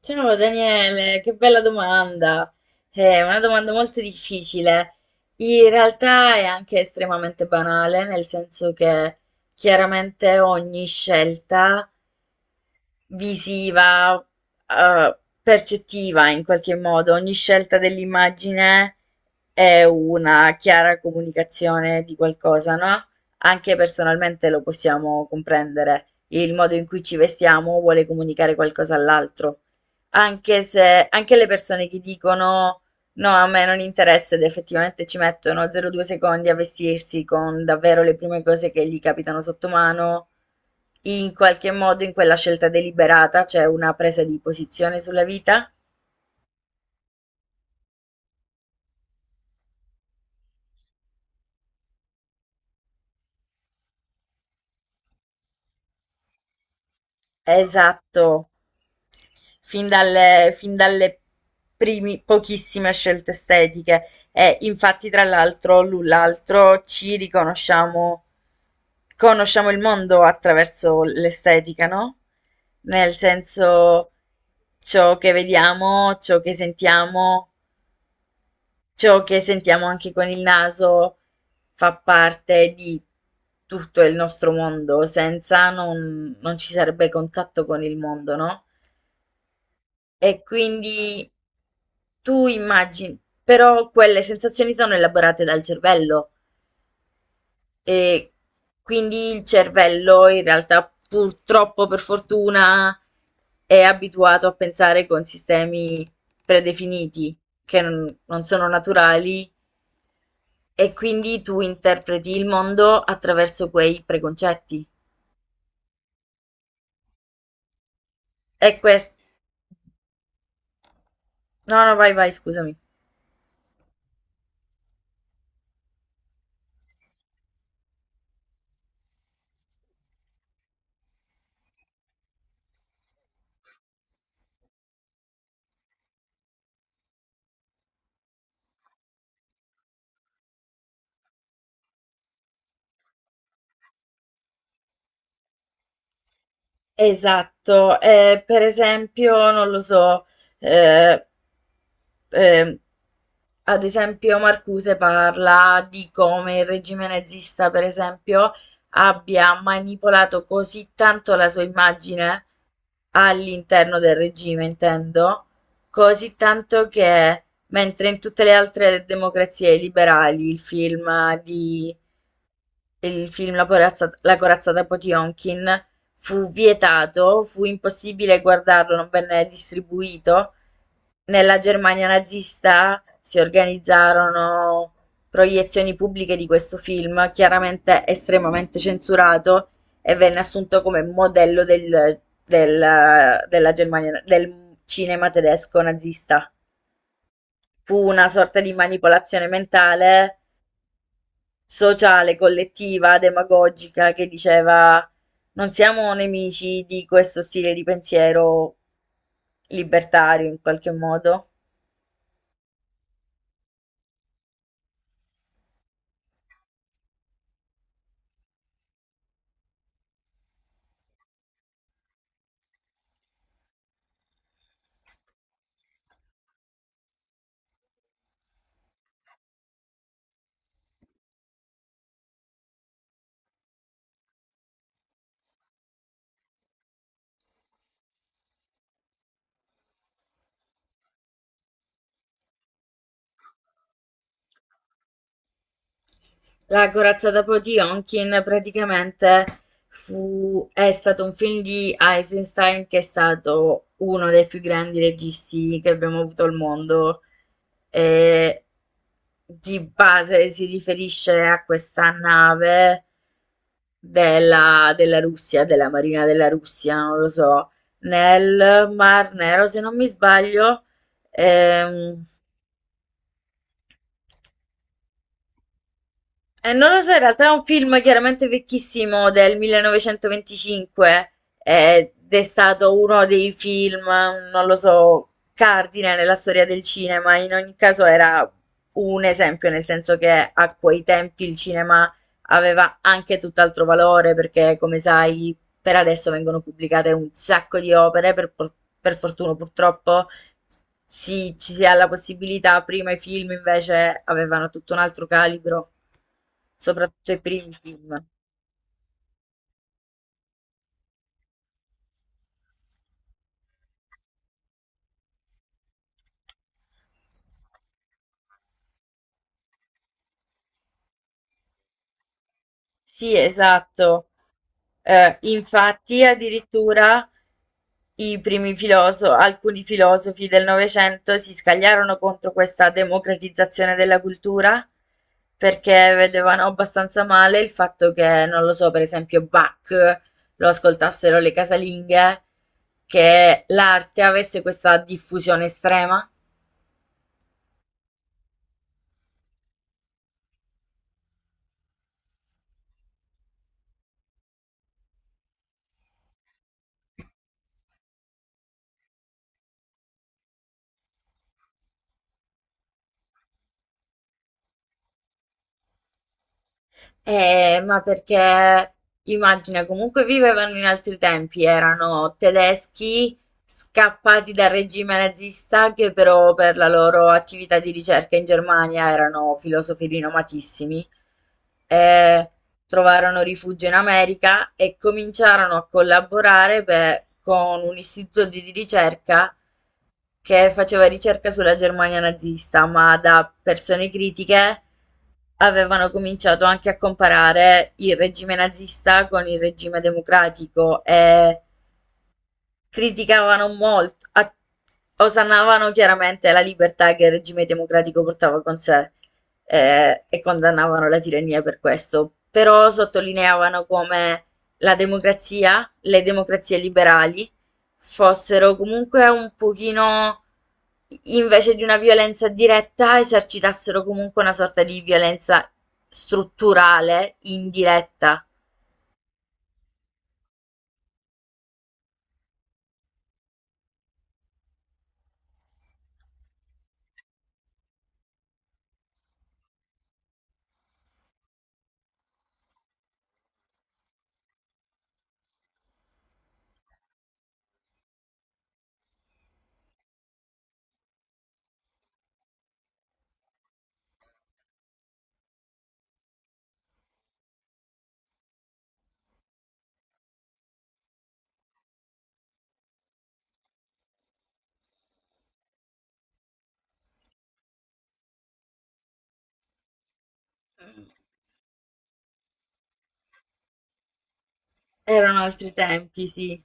Ciao Daniele, che bella domanda. È una domanda molto difficile. In realtà è anche estremamente banale, nel senso che chiaramente ogni scelta visiva, percettiva in qualche modo. Ogni scelta dell'immagine è una chiara comunicazione di qualcosa, no, anche personalmente lo possiamo comprendere. Il modo in cui ci vestiamo vuole comunicare qualcosa all'altro. Anche se anche le persone che dicono no, a me non interessa ed effettivamente ci mettono 0,2 secondi a vestirsi con davvero le prime cose che gli capitano sotto mano. In qualche modo in quella scelta deliberata c'è una presa di posizione sulla vita. Esatto. Fin dalle primi pochissime scelte estetiche e infatti tra l'altro l'un l'altro ci riconosciamo, conosciamo il mondo attraverso l'estetica, no, nel senso ciò che vediamo, ciò che sentiamo. Ciò che sentiamo anche con il naso fa parte di tutto il nostro mondo, senza non ci sarebbe contatto con il mondo, no, e quindi tu immagi, però quelle sensazioni sono elaborate dal cervello e quindi il cervello in realtà purtroppo, per fortuna, è abituato a pensare con sistemi predefiniti che non sono naturali e quindi tu interpreti il mondo attraverso quei preconcetti. E questo... No, no, vai, vai, scusami. Esatto, per esempio, non lo so, ehm, ehm, ad esempio Marcuse parla di come il regime nazista, per esempio, abbia manipolato così tanto la sua immagine all'interno del regime, intendo, così tanto che mentre in tutte le altre democrazie liberali il film la corazzata Potionkin fu vietato, fu impossibile guardarlo, non venne distribuito. Nella Germania nazista si organizzarono proiezioni pubbliche di questo film, chiaramente estremamente censurato, e venne assunto come modello del, della Germania, del cinema tedesco nazista. Fu una sorta di manipolazione mentale sociale, collettiva, demagogica che diceva non siamo nemici di questo stile di pensiero libertario in qualche modo. La corazza da po' di Onkin praticamente fu, è stato un film di Eisenstein che è stato uno dei più grandi registi che abbiamo avuto al mondo e di base si riferisce a questa nave della, della Russia, della Marina della Russia, non lo so, nel Mar Nero se non mi sbaglio. Ehm, non lo so, in realtà è un film chiaramente vecchissimo del 1925, eh, ed è stato uno dei film, non lo so, cardine nella storia del cinema. In ogni caso era un esempio, nel senso che a quei tempi il cinema aveva anche tutt'altro valore perché, come sai, per adesso vengono pubblicate un sacco di opere, per fortuna purtroppo, sì, ci si ha la possibilità, prima i film invece avevano tutto un altro calibro, soprattutto i primi film. Sì, esatto. Infatti, addirittura alcuni filosofi del Novecento si scagliarono contro questa democratizzazione della cultura perché vedevano abbastanza male il fatto che, non lo so, per esempio Bach lo ascoltassero le casalinghe, che l'arte avesse questa diffusione estrema. Ma perché immagina, comunque vivevano in altri tempi, erano tedeschi scappati dal regime nazista che però per la loro attività di ricerca in Germania erano filosofi rinomatissimi. Eh, trovarono rifugio in America e cominciarono a collaborare con un istituto di ricerca che faceva ricerca sulla Germania nazista, ma da persone critiche avevano cominciato anche a comparare il regime nazista con il regime democratico e criticavano molto, osannavano chiaramente la libertà che il regime democratico portava con sé, e condannavano la tirannia per questo, però sottolineavano come la democrazia, le democrazie liberali, fossero comunque un pochino, invece di una violenza diretta, esercitassero comunque una sorta di violenza strutturale, indiretta. Erano altri tempi, sì.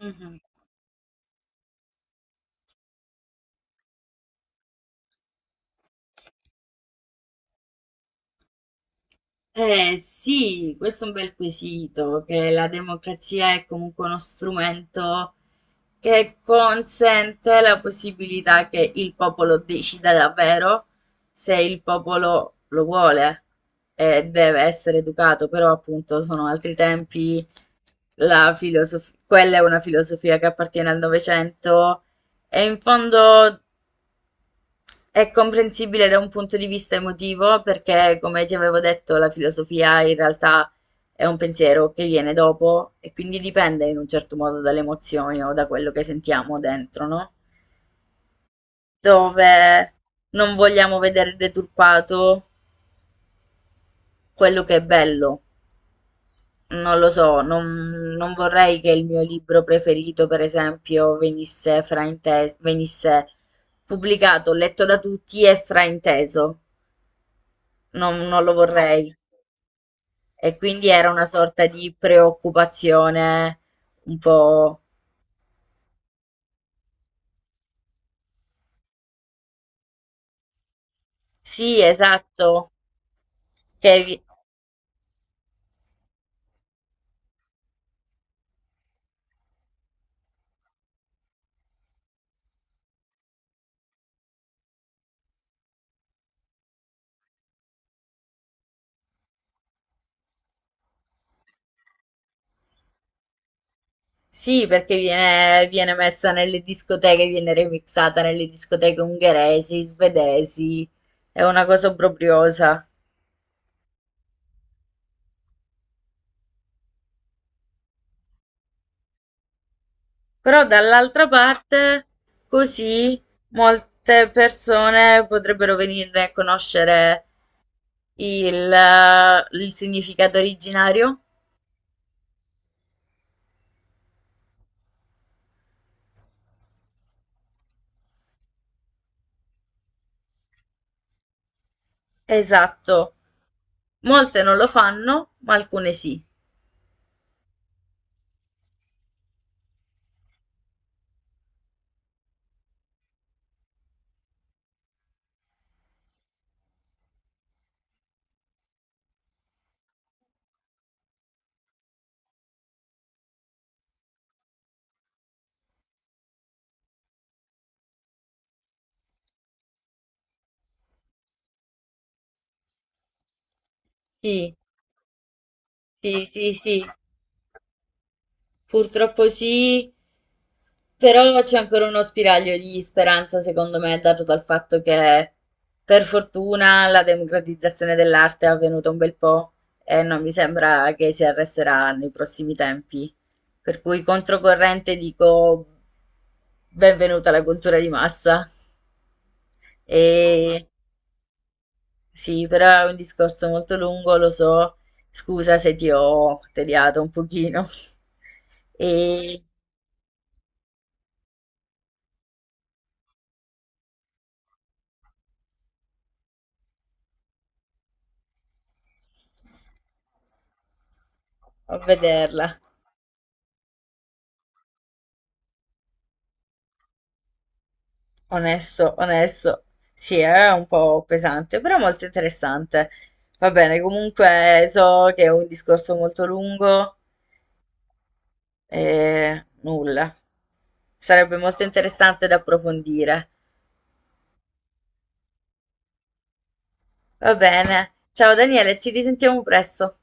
Mhm. Eh sì, questo è un bel quesito, che la democrazia è comunque uno strumento che consente la possibilità che il popolo decida davvero se il popolo lo vuole e deve essere educato, però appunto sono altri tempi, quella è una filosofia che appartiene al Novecento e in fondo è comprensibile da un punto di vista emotivo perché, come ti avevo detto, la filosofia in realtà è un pensiero che viene dopo e quindi dipende in un certo modo dalle emozioni o da quello che sentiamo dentro, no? Dove non vogliamo vedere deturpato quello che è bello. Non lo so, non, non vorrei che il mio libro preferito, per esempio, venisse frainteso, venisse pubblicato, letto da tutti e frainteso. Non lo vorrei. E quindi era una sorta di preoccupazione un po'... Sì, esatto. Che vi- Sì, perché viene, viene messa nelle discoteche, viene remixata nelle discoteche ungheresi, svedesi. È una cosa obbrobriosa. Però dall'altra parte, così molte persone potrebbero venirne a conoscere il, il significato originario. Esatto. Molte non lo fanno, ma alcune sì. Sì, sì, sì, sì. Purtroppo sì. Però c'è ancora uno spiraglio di speranza, secondo me, dato dal fatto che per fortuna la democratizzazione dell'arte è avvenuta un bel po' e non mi sembra che si arresterà nei prossimi tempi. Per cui controcorrente dico benvenuta la cultura di massa. E sì, però è un discorso molto lungo, lo so. Scusa se ti ho tediato un pochino. E a vederla. Onesto, onesto. Sì, è un po' pesante, però molto interessante. Va bene, comunque so che è un discorso molto lungo e nulla. Sarebbe molto interessante da approfondire. Va bene. Ciao Daniele, ci risentiamo presto.